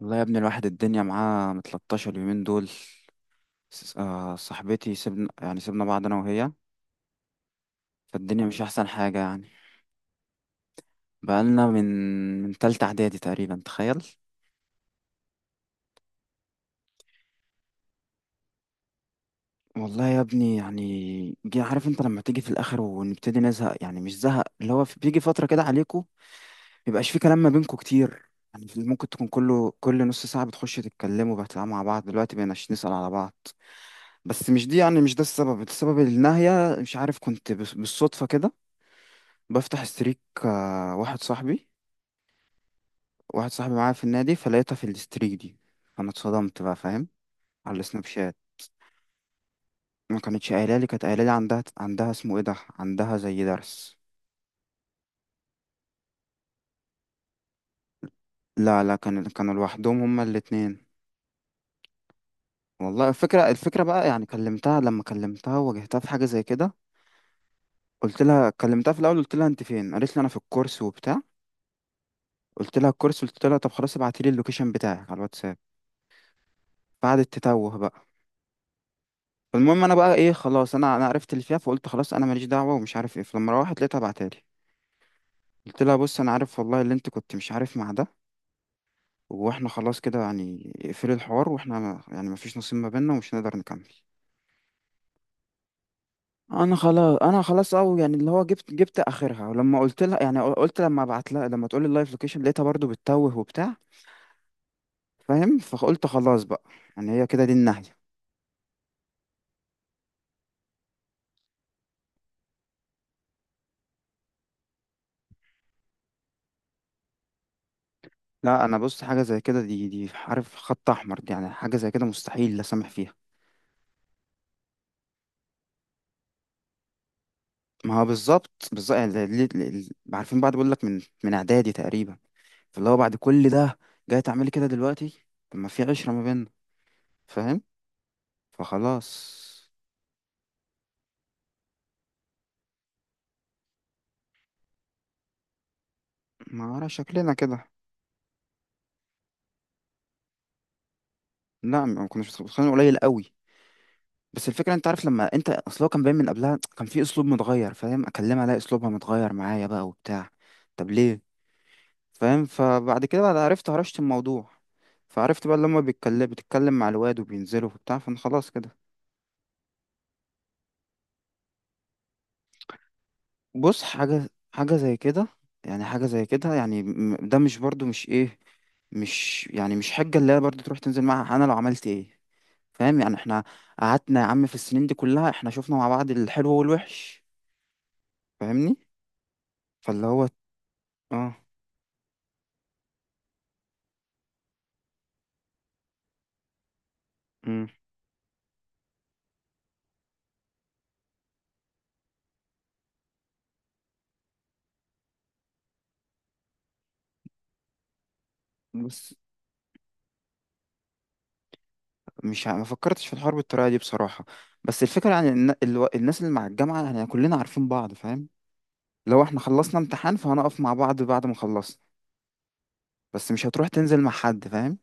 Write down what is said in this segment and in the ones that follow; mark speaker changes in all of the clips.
Speaker 1: والله يا ابني، الواحد الدنيا معاه متلطشة اليومين دول. صاحبتي، سيبنا بعض أنا وهي. فالدنيا مش أحسن حاجة يعني. بقالنا من تالتة إعدادي تقريبا، تخيل. والله يا ابني يعني، جي عارف انت لما تيجي في الآخر ونبتدي نزهق، يعني مش زهق اللي هو بيجي فترة كده عليكم. ميبقاش في كلام ما بينكم كتير، يعني ممكن تكون كله، كل نص ساعة بتخشوا تتكلموا بتلعبوا مع بعض، دلوقتي بقيناش نسأل على بعض. بس مش دي، يعني مش ده السبب، السبب النهاية مش عارف، كنت بالصدفة كده بفتح ستريك، واحد صاحبي، واحد صاحبي معايا في النادي، فلقيتها في الستريك دي. فانا اتصدمت بقى، فاهم؟ على السناب شات. ما كانتش قايله لي، كانت قايله لي عندها اسمه ايه ده، عندها زي درس. لا لا، كانوا لوحدهم هما الاتنين. والله الفكره، الفكره بقى يعني كلمتها، لما كلمتها واجهتها في حاجه زي كده. قلت لها كلمتها في الاول، قلت لها انت فين؟ قالت لي انا في الكورس وبتاع. قلت لها الكورس؟ قلت لها طب خلاص، ابعتي لي اللوكيشن بتاعك على الواتساب. قعدت تتوه بقى. فالمهم انا بقى ايه، خلاص انا عرفت اللي فيها، فقلت خلاص انا ماليش دعوه ومش عارف ايه. فلما روحت لقيتها بعتالي. قلت لها بص، انا عارف والله اللي انت كنت مش عارف مع ده، واحنا خلاص كده يعني، اقفلي الحوار، واحنا ما- يعني مفيش نصيب ما بيننا ومش هنقدر نكمل. انا خلاص او يعني اللي هو، جبت اخرها. ولما قلت لها يعني، قلت لما ابعت لها، لما تقول لي اللايف لوكيشن، لقيتها برضو بتتوه وبتاع، فاهم؟ فقلت خلاص بقى، يعني هي كده دي النهايه. لا انا بص، حاجه زي كده، دي عارف خط احمر، دي يعني حاجه زي كده مستحيل لا سامح فيها. ما هو بالظبط بالظبط، يعني عارفين بعض بقول لك من اعدادي تقريبا، فاللي هو بعد كل ده جاي تعملي كده دلوقتي؟ طب ما في عشرة ما بيننا، فاهم؟ فخلاص. ما اعرف شكلنا كده. لا ما كناش متخيلين، قليل قوي. بس الفكره، انت عارف لما انت اصل هو كان باين من قبلها، كان في اسلوب متغير، فاهم؟ اكلمها الاقي اسلوبها متغير معايا بقى وبتاع. طب ليه؟ فاهم؟ فبعد كده، بعد عرفت، هرشت الموضوع. فعرفت بقى، لما بيتكلم بتتكلم مع الواد وبينزلوا وبتاع، فانا خلاص كده. بص، حاجة زي كده يعني، حاجة زي كده يعني، ده مش برضو مش ايه، مش يعني مش حجة اللي هي برضو تروح تنزل معاها، انا لو عملت ايه؟ فاهم؟ يعني احنا قعدنا يا عم في السنين دي كلها، احنا شفنا مع بعض الحلو والوحش، فاهمني؟ فاللي هو اه. امم بس مش ع- ما فكرتش في الحوار بالطريقة دي بصراحة. بس الفكرة يعني الناس اللي مع الجامعة، يعني كلنا عارفين بعض، فاهم؟ لو احنا خلصنا امتحان فهنقف مع بعض بعد ما خلصنا. بس مش هتروح تنزل مع حد، فاهم؟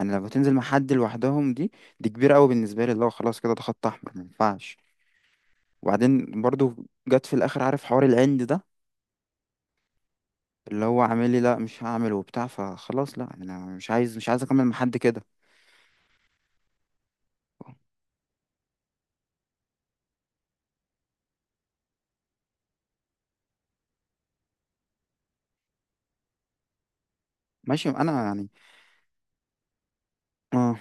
Speaker 1: انا لما تنزل مع حد لوحدهم دي، كبيره قوي بالنسبه لي، اللي هو خلاص كده، ده خط احمر، ما ينفعش. وبعدين برضو، جت في الاخر عارف حوار العند ده، اللي هو عامل لي لا مش هعمل وبتاع، فخلاص، لا انا مش عايز، مش عايز اكمل مع حد كده. ماشي انا يعني. اه.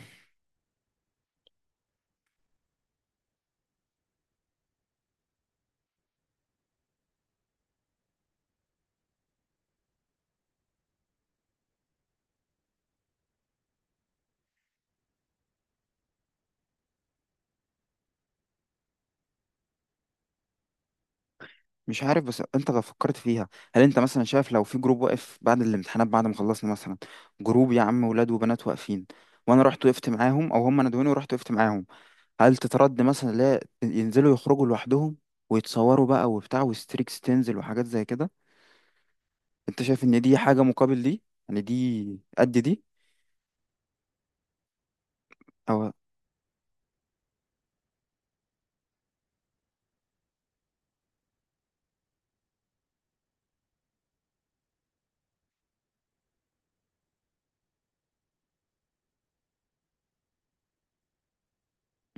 Speaker 1: مش عارف، بس انت لو فكرت فيها، هل انت مثلا شايف لو في جروب واقف بعد الامتحانات، بعد ما خلصنا مثلا، جروب يا عم، ولاد وبنات واقفين، وانا رحت وقفت معاهم او هم ندوني ورحت وقفت معاهم، هل تترد مثلا لا ينزلوا يخرجوا لوحدهم ويتصوروا بقى وبتاع، وستريكس تنزل وحاجات زي كده؟ انت شايف ان دي حاجة مقابل دي؟ يعني دي قد دي؟ او.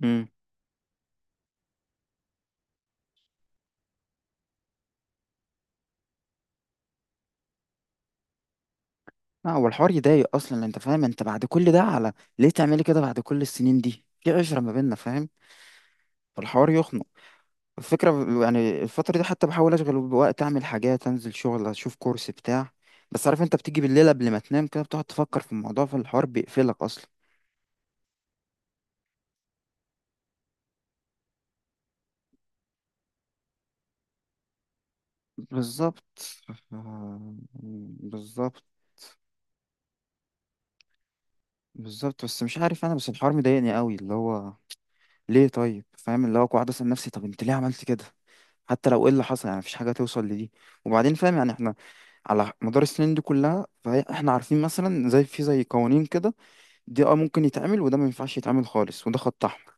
Speaker 1: امم لا، هو الحوار يضايق اصلا، انت فاهم انت بعد كل ده، على ليه تعملي كده بعد كل السنين دي، في عشرة ما بيننا، فاهم؟ فالحوار يخنق. الفكرة ب- يعني الفترة دي حتى بحاول اشغل بوقت، اعمل حاجات، انزل شغل، اشوف كورس بتاع. بس عارف انت بتيجي بالليل قبل ما تنام كده بتقعد تفكر في الموضوع، فالحوار بيقفلك اصلا. بالظبط. آه، بالظبط بالظبط. بس مش عارف انا، بس الحوار مضايقني قوي اللي هو، ليه؟ طيب فاهم، اللي هو قاعد اسال نفسي، طب انت ليه عملت كده؟ حتى لو ايه اللي حصل، يعني مفيش حاجه توصل لدي. وبعدين فاهم يعني احنا على مدار السنين دي كلها، فاحنا عارفين مثلا، زي في زي قوانين كده، دي اه ممكن يتعمل، وده ما ينفعش يتعمل خالص، وده خط احمر.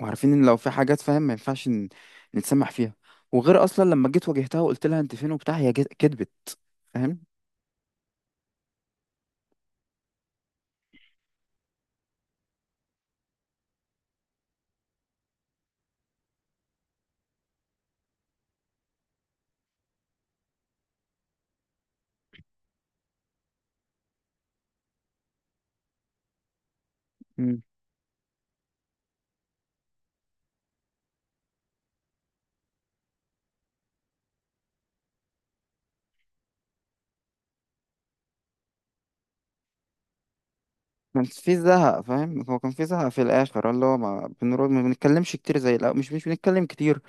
Speaker 1: وعارفين ان لو في حاجات فاهم ما ينفعش نتسمح فيها. وغير اصلا لما جيت واجهتها وقلت لها انت فين وبتاع، كدبت، فاهم؟ كان في زهق فاهم، هو كان في زهق في الاخر، اللي هو ما بنرد، ما بنتكلمش كتير زي الاول، مش بنتكلم كتير.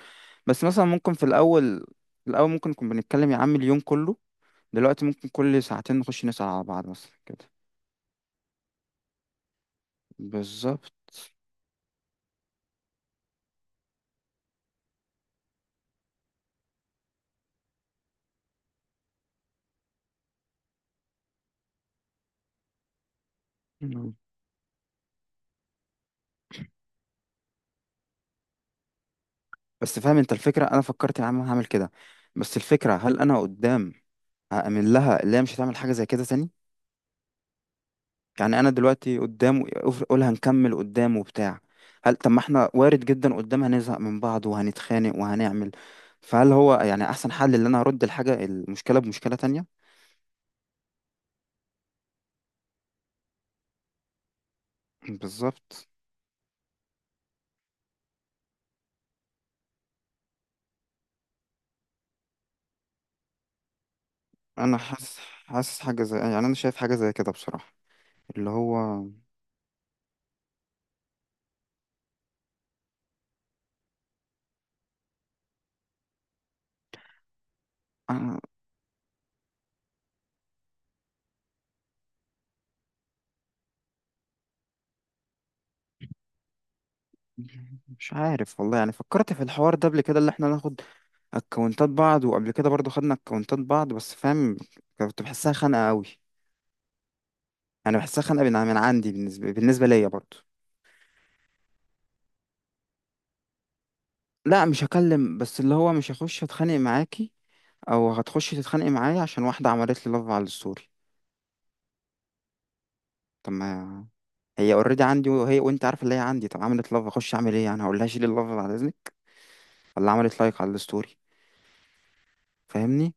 Speaker 1: بس مثلا ممكن في الاول، ممكن نكون بنتكلم يا عم اليوم كله، دلوقتي ممكن كل ساعتين نخش نسأل على بعض مثلا كده. بالظبط. مم. بس فاهم انت الفكرة، انا فكرت يا عم هعمل كده، بس الفكرة هل انا قدام هأمن لها اللي هي مش هتعمل حاجة زي كده تاني؟ يعني انا دلوقتي قدام اقول هنكمل قدام وبتاع، هل طب ما احنا وارد جدا قدام هنزهق من بعض وهنتخانق وهنعمل، فهل هو يعني احسن حل ان انا هرد الحاجه المشكله بمشكله تانية؟ بالظبط. انا حاسس، حاجه زي يعني انا شايف حاجه زي كده بصراحه، اللي هو أنا. مش عارف والله، يعني فكرت في الحوار ده قبل كده، اللي احنا ناخد اكونتات بعض، وقبل كده برضو خدنا اكونتات بعض بس فاهم، كنت بحسها خانقه قوي. يعني بحسها خانقه من عندي، بالنسبه ليا برضو. لا مش هكلم، بس اللي هو مش هخش اتخانق معاكي او هتخشي تتخانقي معايا عشان واحده عملت لي لاف على الستوري. طب ما هي اوريدي عندي، وهي وانت عارفه اللي هي عندي، طب عملت لاف اخش اعمل ايه، يعني هقول لها شيلي اللاف بعد اذنك، ولا عملت لايك على الستوري؟ فاهمني؟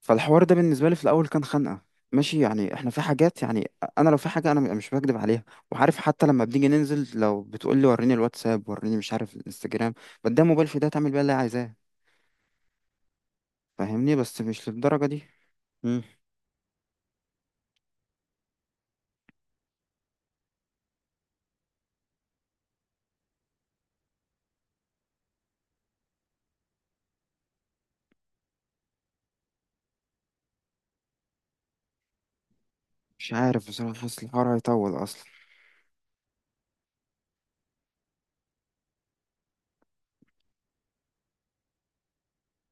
Speaker 1: فالحوار ده بالنسبه لي في الاول كان خنقه. ماشي يعني احنا في حاجات يعني، انا لو في حاجه انا مش بكدب عليها، وعارف حتى لما بنيجي ننزل لو بتقول لي وريني الواتساب، وريني مش عارف الانستجرام، بديها موبايل في ده تعمل بيها اللي هي عايزاه، فاهمني؟ بس مش للدرجه دي. مش عارف بصراحة، حاسس الحوار هيطول أصلا.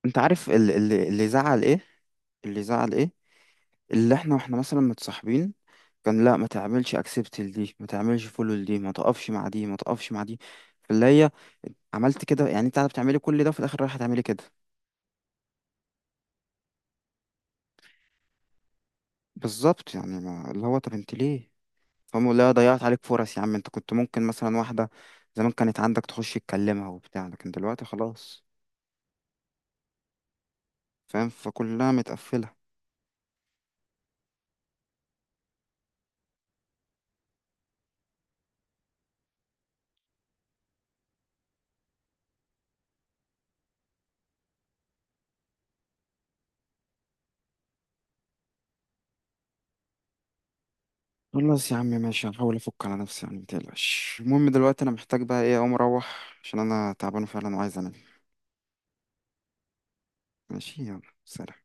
Speaker 1: أنت عارف اللي زعل إيه، اللي زعل إيه، اللي إحنا وإحنا مثلا متصاحبين، كان لا ما تعملش أكسبت لدي، ما تعملش فولو لدي، ما تقفش مع دي، ما تقفش مع دي، فاللي هي عملت كده، يعني أنت قاعدة بتعملي كل ده وفي الآخر رايحة تعملي كده؟ بالظبط، يعني ما اللي هو، طب أنت ليه؟ فاهم؟ لا، ضيعت عليك فرص يا عم، أنت كنت ممكن مثلا واحدة زمان كانت عندك تخش تكلمها وبتاع، لكن دلوقتي خلاص، فاهم؟ فكلها متقفلة. خلاص يا عم ماشي، هحاول افك على نفسي يعني، متقلقش. المهم دلوقتي انا محتاج بقى ايه، اقوم اروح، عشان انا تعبان فعلا وعايز انام. ماشي، يلا سلام.